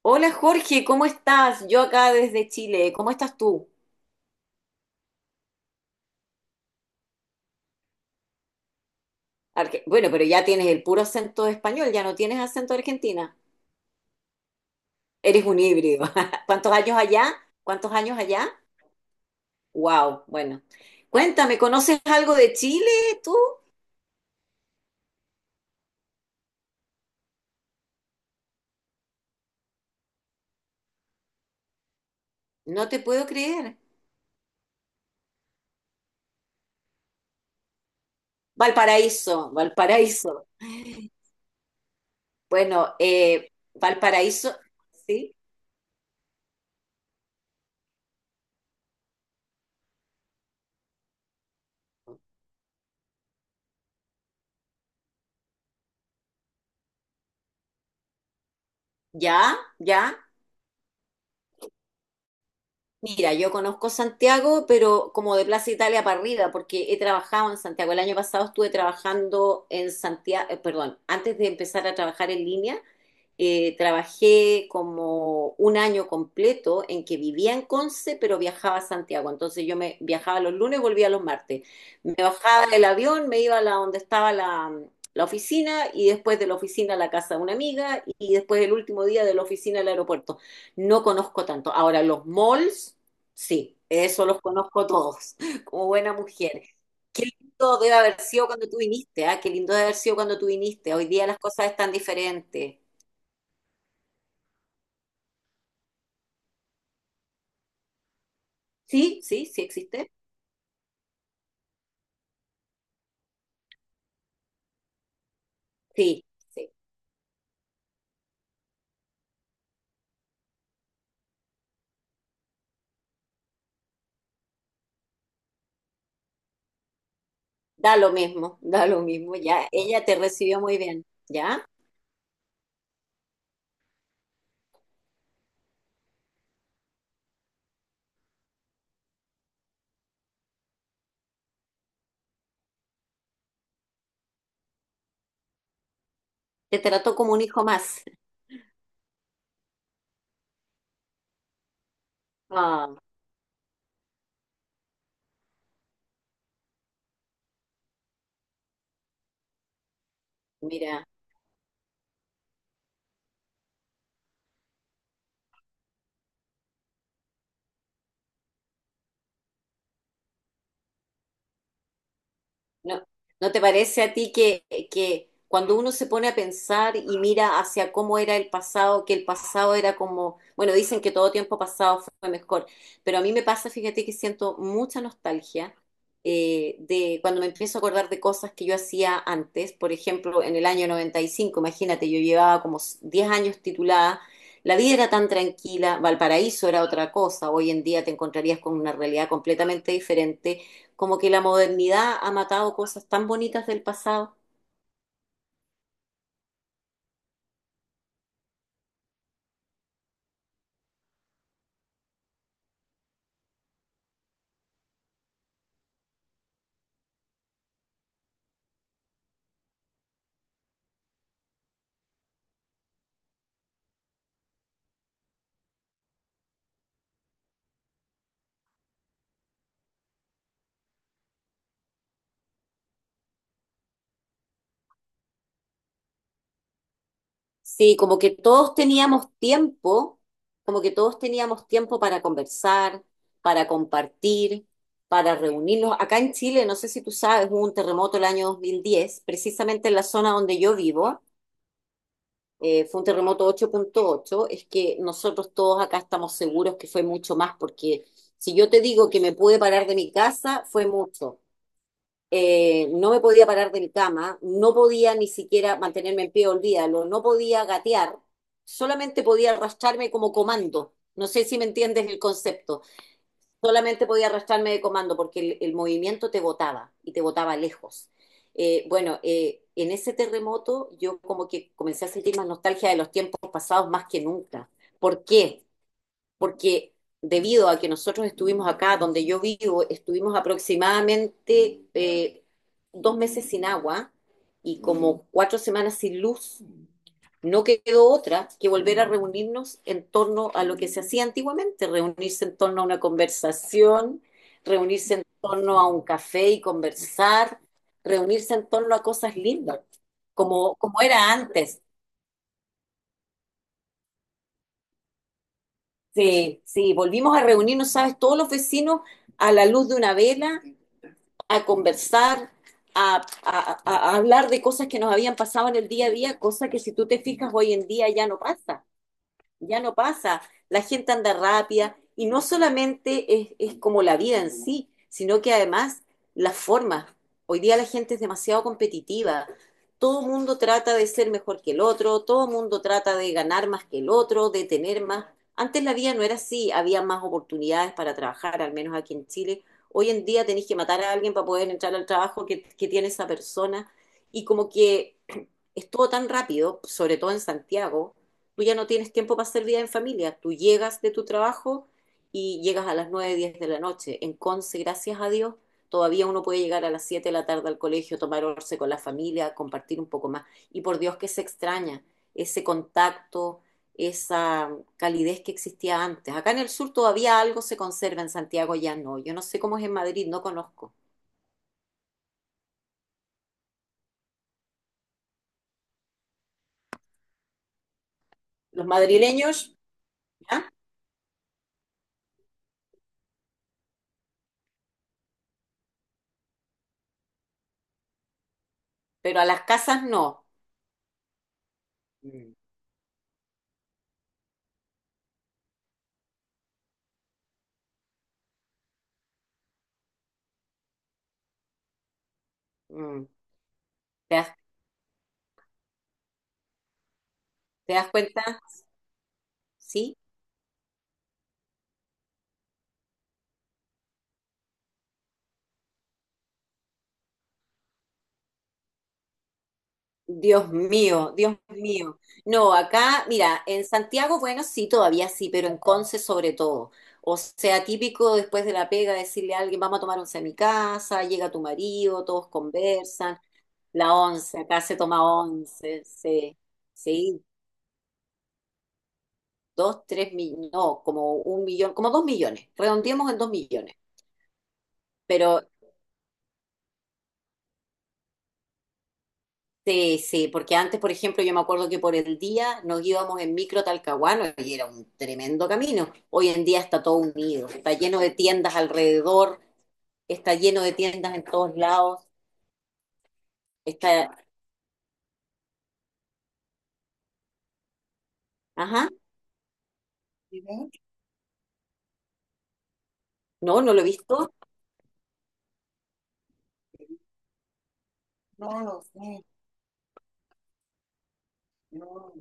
Hola Jorge, ¿cómo estás? Yo acá desde Chile, ¿cómo estás tú? Bueno, pero ya tienes el puro acento español, ya no tienes acento de Argentina. Eres un híbrido. ¿Cuántos años allá? ¿Cuántos años allá? Wow, bueno. Cuéntame, ¿conoces algo de Chile tú? No te puedo creer. Valparaíso, Valparaíso. Bueno, Valparaíso, ¿sí? ¿Ya? ¿Ya? Mira, yo conozco Santiago, pero como de Plaza Italia para arriba, porque he trabajado en Santiago. El año pasado estuve trabajando en Santiago, perdón, antes de empezar a trabajar en línea, trabajé como un año completo en que vivía en Conce, pero viajaba a Santiago. Entonces yo me viajaba los lunes, y volvía los martes. Me bajaba del avión, me iba a donde estaba la oficina y después de la oficina a la casa de una amiga y después el último día de la oficina al aeropuerto. No conozco tanto. Ahora, los malls, sí, eso los conozco todos, como buena mujer. Qué lindo debe haber sido cuando tú viniste, ¿ah? Qué lindo debe haber sido cuando tú viniste. Hoy día las cosas están diferentes. Sí, sí, sí existe. Sí, sí. Da lo mismo, da lo mismo. Ya, ella te recibió muy bien, ¿ya? Te trató como un hijo más. Ah, mira. ¿No, ¿no te parece a ti que cuando uno se pone a pensar y mira hacia cómo era el pasado, que el pasado era como, bueno, dicen que todo tiempo pasado fue mejor, pero a mí me pasa, fíjate que siento mucha nostalgia de cuando me empiezo a acordar de cosas que yo hacía antes, por ejemplo, en el año 95, imagínate, yo llevaba como 10 años titulada. La vida era tan tranquila, Valparaíso era otra cosa, hoy en día te encontrarías con una realidad completamente diferente, como que la modernidad ha matado cosas tan bonitas del pasado. Sí, como que todos teníamos tiempo, como que todos teníamos tiempo para conversar, para compartir, para reunirnos. Acá en Chile, no sé si tú sabes, hubo un terremoto el año 2010 precisamente en la zona donde yo vivo, fue un terremoto ocho punto ocho, es que nosotros todos acá estamos seguros que fue mucho más, porque si yo te digo que me pude parar de mi casa, fue mucho. No me podía parar del cama, no podía ni siquiera mantenerme en pie, olvídalo, no podía gatear, solamente podía arrastrarme como comando. No sé si me entiendes el concepto. Solamente podía arrastrarme de comando porque el movimiento te botaba y te botaba lejos. Bueno, en ese terremoto yo como que comencé a sentir más nostalgia de los tiempos pasados más que nunca. ¿Por qué? Porque debido a que nosotros estuvimos acá, donde yo vivo, estuvimos aproximadamente dos meses sin agua y como cuatro semanas sin luz, no quedó otra que volver a reunirnos en torno a lo que se hacía antiguamente, reunirse en torno a una conversación, reunirse en torno a un café y conversar, reunirse en torno a cosas lindas, como era antes. Sí, sí, volvimos a reunirnos, ¿sabes? Todos los vecinos a la luz de una vela, a conversar, a hablar de cosas que nos habían pasado en el día a día, cosas que si tú te fijas hoy en día ya no pasa, ya no pasa. La gente anda rápida y no solamente es como la vida en sí, sino que además las formas. Hoy día la gente es demasiado competitiva. Todo el mundo trata de ser mejor que el otro, todo el mundo trata de ganar más que el otro, de tener más. Antes la vida no era así, había más oportunidades para trabajar, al menos aquí en Chile. Hoy en día tenés que matar a alguien para poder entrar al trabajo que tiene esa persona. Y como que estuvo tan rápido, sobre todo en Santiago, tú ya no tienes tiempo para hacer vida en familia. Tú llegas de tu trabajo y llegas a las 9 10 de la noche. En Conce, gracias a Dios, todavía uno puede llegar a las 7 de la tarde al colegio, tomar once con la familia, compartir un poco más. Y por Dios que se extraña ese contacto, esa calidez que existía antes. Acá en el sur todavía algo se conserva, en Santiago ya no. Yo no sé cómo es en Madrid, no conozco. Los madrileños, ¿ya? Pero a las casas no. Mm. Mm. ¿Te das, te das cuenta? ¿Sí? Dios mío, Dios mío. No, acá, mira, en Santiago, bueno, sí, todavía sí, pero en Conce sobre todo. O sea, típico después de la pega decirle a alguien, vamos a tomar once a mi casa, llega tu marido, todos conversan, la once, acá se toma once, sí, sí, dos, tres millones, no, como un millón, como dos millones, redondeemos en dos millones, pero sí, sí, porque antes, por ejemplo, yo me acuerdo que por el día nos íbamos en micro a Talcahuano y era un tremendo camino. Hoy en día está todo unido, está lleno de tiendas alrededor, está lleno de tiendas en todos lados, está... Ajá. Mira, no, no lo he visto. No lo sé, no.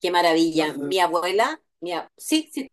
Qué maravilla. Mi abuela, mi ab- Sí, sí.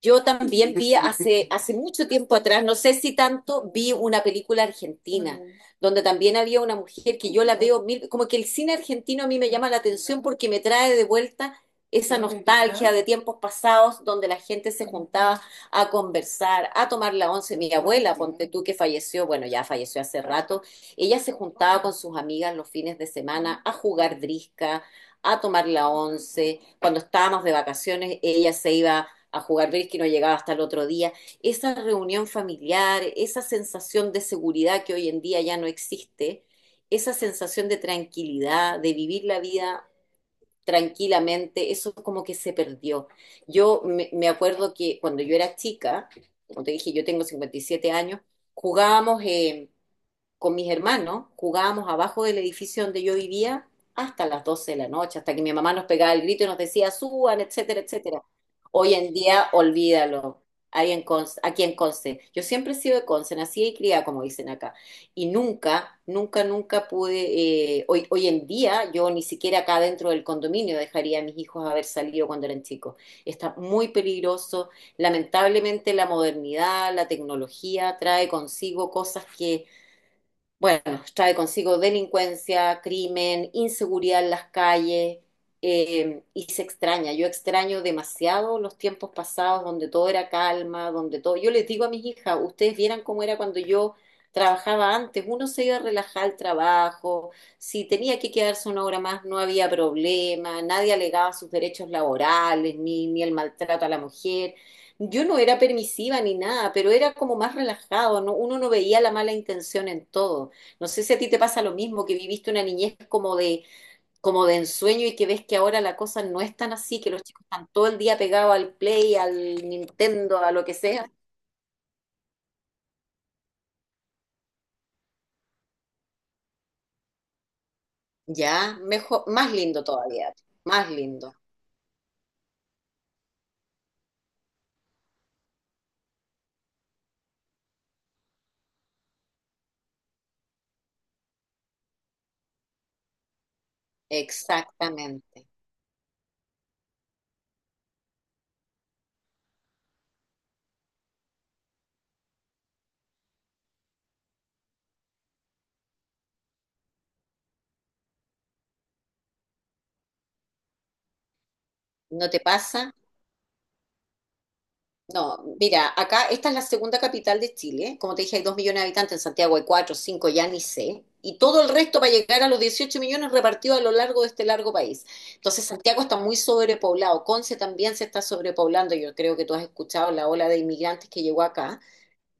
Yo también vi hace, hace mucho tiempo atrás, no sé si tanto, vi una película argentina, donde también había una mujer que yo la veo mil, como que el cine argentino a mí me llama la atención porque me trae de vuelta esa nostalgia de tiempos pasados donde la gente se juntaba a conversar, a tomar la once. Mi abuela, ponte tú que falleció, bueno, ya falleció hace rato, ella se juntaba con sus amigas los fines de semana a jugar brisca, a tomar la once. Cuando estábamos de vacaciones, ella se iba a jugar brisket y no llegaba hasta el otro día. Esa reunión familiar, esa sensación de seguridad que hoy en día ya no existe, esa sensación de tranquilidad, de vivir la vida tranquilamente, eso como que se perdió. Me acuerdo que cuando yo era chica, como te dije, yo tengo 57 años, jugábamos con mis hermanos, jugábamos abajo del edificio donde yo vivía hasta las 12 de la noche, hasta que mi mamá nos pegaba el grito y nos decía, suban, etcétera, etcétera. Hoy en día, olvídalo. Aquí en Conce. Yo siempre he sido de Conce, nacida y criada, como dicen acá. Y nunca, nunca, nunca pude. Hoy en día, yo ni siquiera acá dentro del condominio dejaría a mis hijos haber salido cuando eran chicos. Está muy peligroso. Lamentablemente, la modernidad, la tecnología trae consigo cosas que bueno, trae consigo delincuencia, crimen, inseguridad en las calles, y se extraña. Yo extraño demasiado los tiempos pasados donde todo era calma, donde todo... Yo les digo a mis hijas, ustedes vieran cómo era cuando yo trabajaba antes. Uno se iba a relajar al trabajo, si tenía que quedarse una hora más no había problema, nadie alegaba sus derechos laborales, ni el maltrato a la mujer. Yo no era permisiva ni nada, pero era como más relajado, ¿no? Uno no veía la mala intención en todo. No sé si a ti te pasa lo mismo, que viviste una niñez como de ensueño y que ves que ahora la cosa no es tan así, que los chicos están todo el día pegados al Play, al Nintendo, a lo que sea. Ya, mejor, más lindo todavía, más lindo. Exactamente. ¿No te pasa? No, mira, acá esta es la segunda capital de Chile. Como te dije, hay dos millones de habitantes, en Santiago hay cuatro, cinco, ya ni sé. Y todo el resto va a llegar a los 18 millones repartidos a lo largo de este largo país. Entonces, Santiago está muy sobrepoblado. Conce también se está sobrepoblando. Yo creo que tú has escuchado la ola de inmigrantes que llegó acá,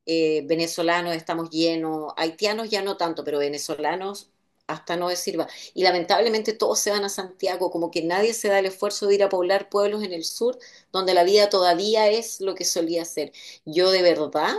venezolanos estamos llenos, haitianos ya no tanto, pero venezolanos hasta no decir va. Y lamentablemente todos se van a Santiago, como que nadie se da el esfuerzo de ir a poblar pueblos en el sur, donde la vida todavía es lo que solía ser. Yo de verdad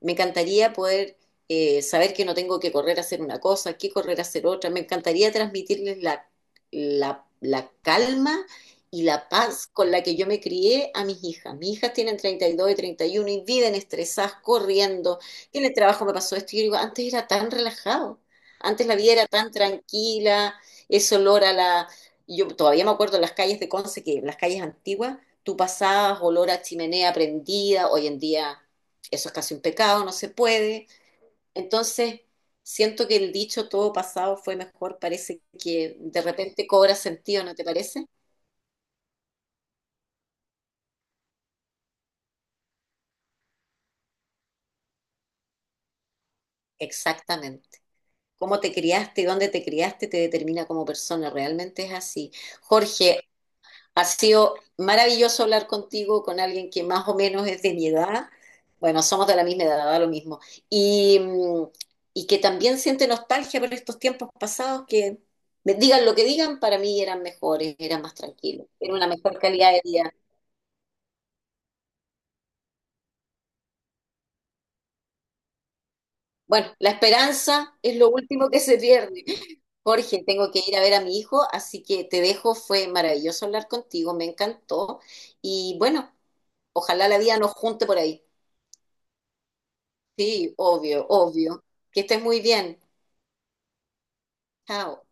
me encantaría poder saber que no tengo que correr a hacer una cosa, que correr a hacer otra. Me encantaría transmitirles la calma y la paz con la que yo me crié a mis hijas. Mis hijas tienen treinta y uno y viven estresadas, corriendo. Y en el trabajo me pasó esto. Y yo digo, antes era tan relajado, antes la vida era tan tranquila, ese olor a la... Yo todavía me acuerdo en las calles de Conce, que en las calles antiguas, tú pasabas olor a chimenea prendida, hoy en día eso es casi un pecado, no se puede. Entonces, siento que el dicho todo pasado fue mejor, parece que de repente cobra sentido, ¿no te parece? Exactamente. Cómo te criaste, dónde te criaste, te determina como persona. Realmente es así. Jorge, ha sido maravilloso hablar contigo, con alguien que más o menos es de mi edad. Bueno, somos de la misma edad, da lo mismo. Y, mm, y que también siente nostalgia por estos tiempos pasados que, me digan lo que digan, para mí eran mejores, eran más tranquilos, era una mejor calidad de vida. Bueno, la esperanza es lo último que se pierde. Jorge, tengo que ir a ver a mi hijo, así que te dejo. Fue maravilloso hablar contigo, me encantó. Y bueno, ojalá la vida nos junte por ahí. Sí, obvio, obvio. Que estés muy bien. Chao.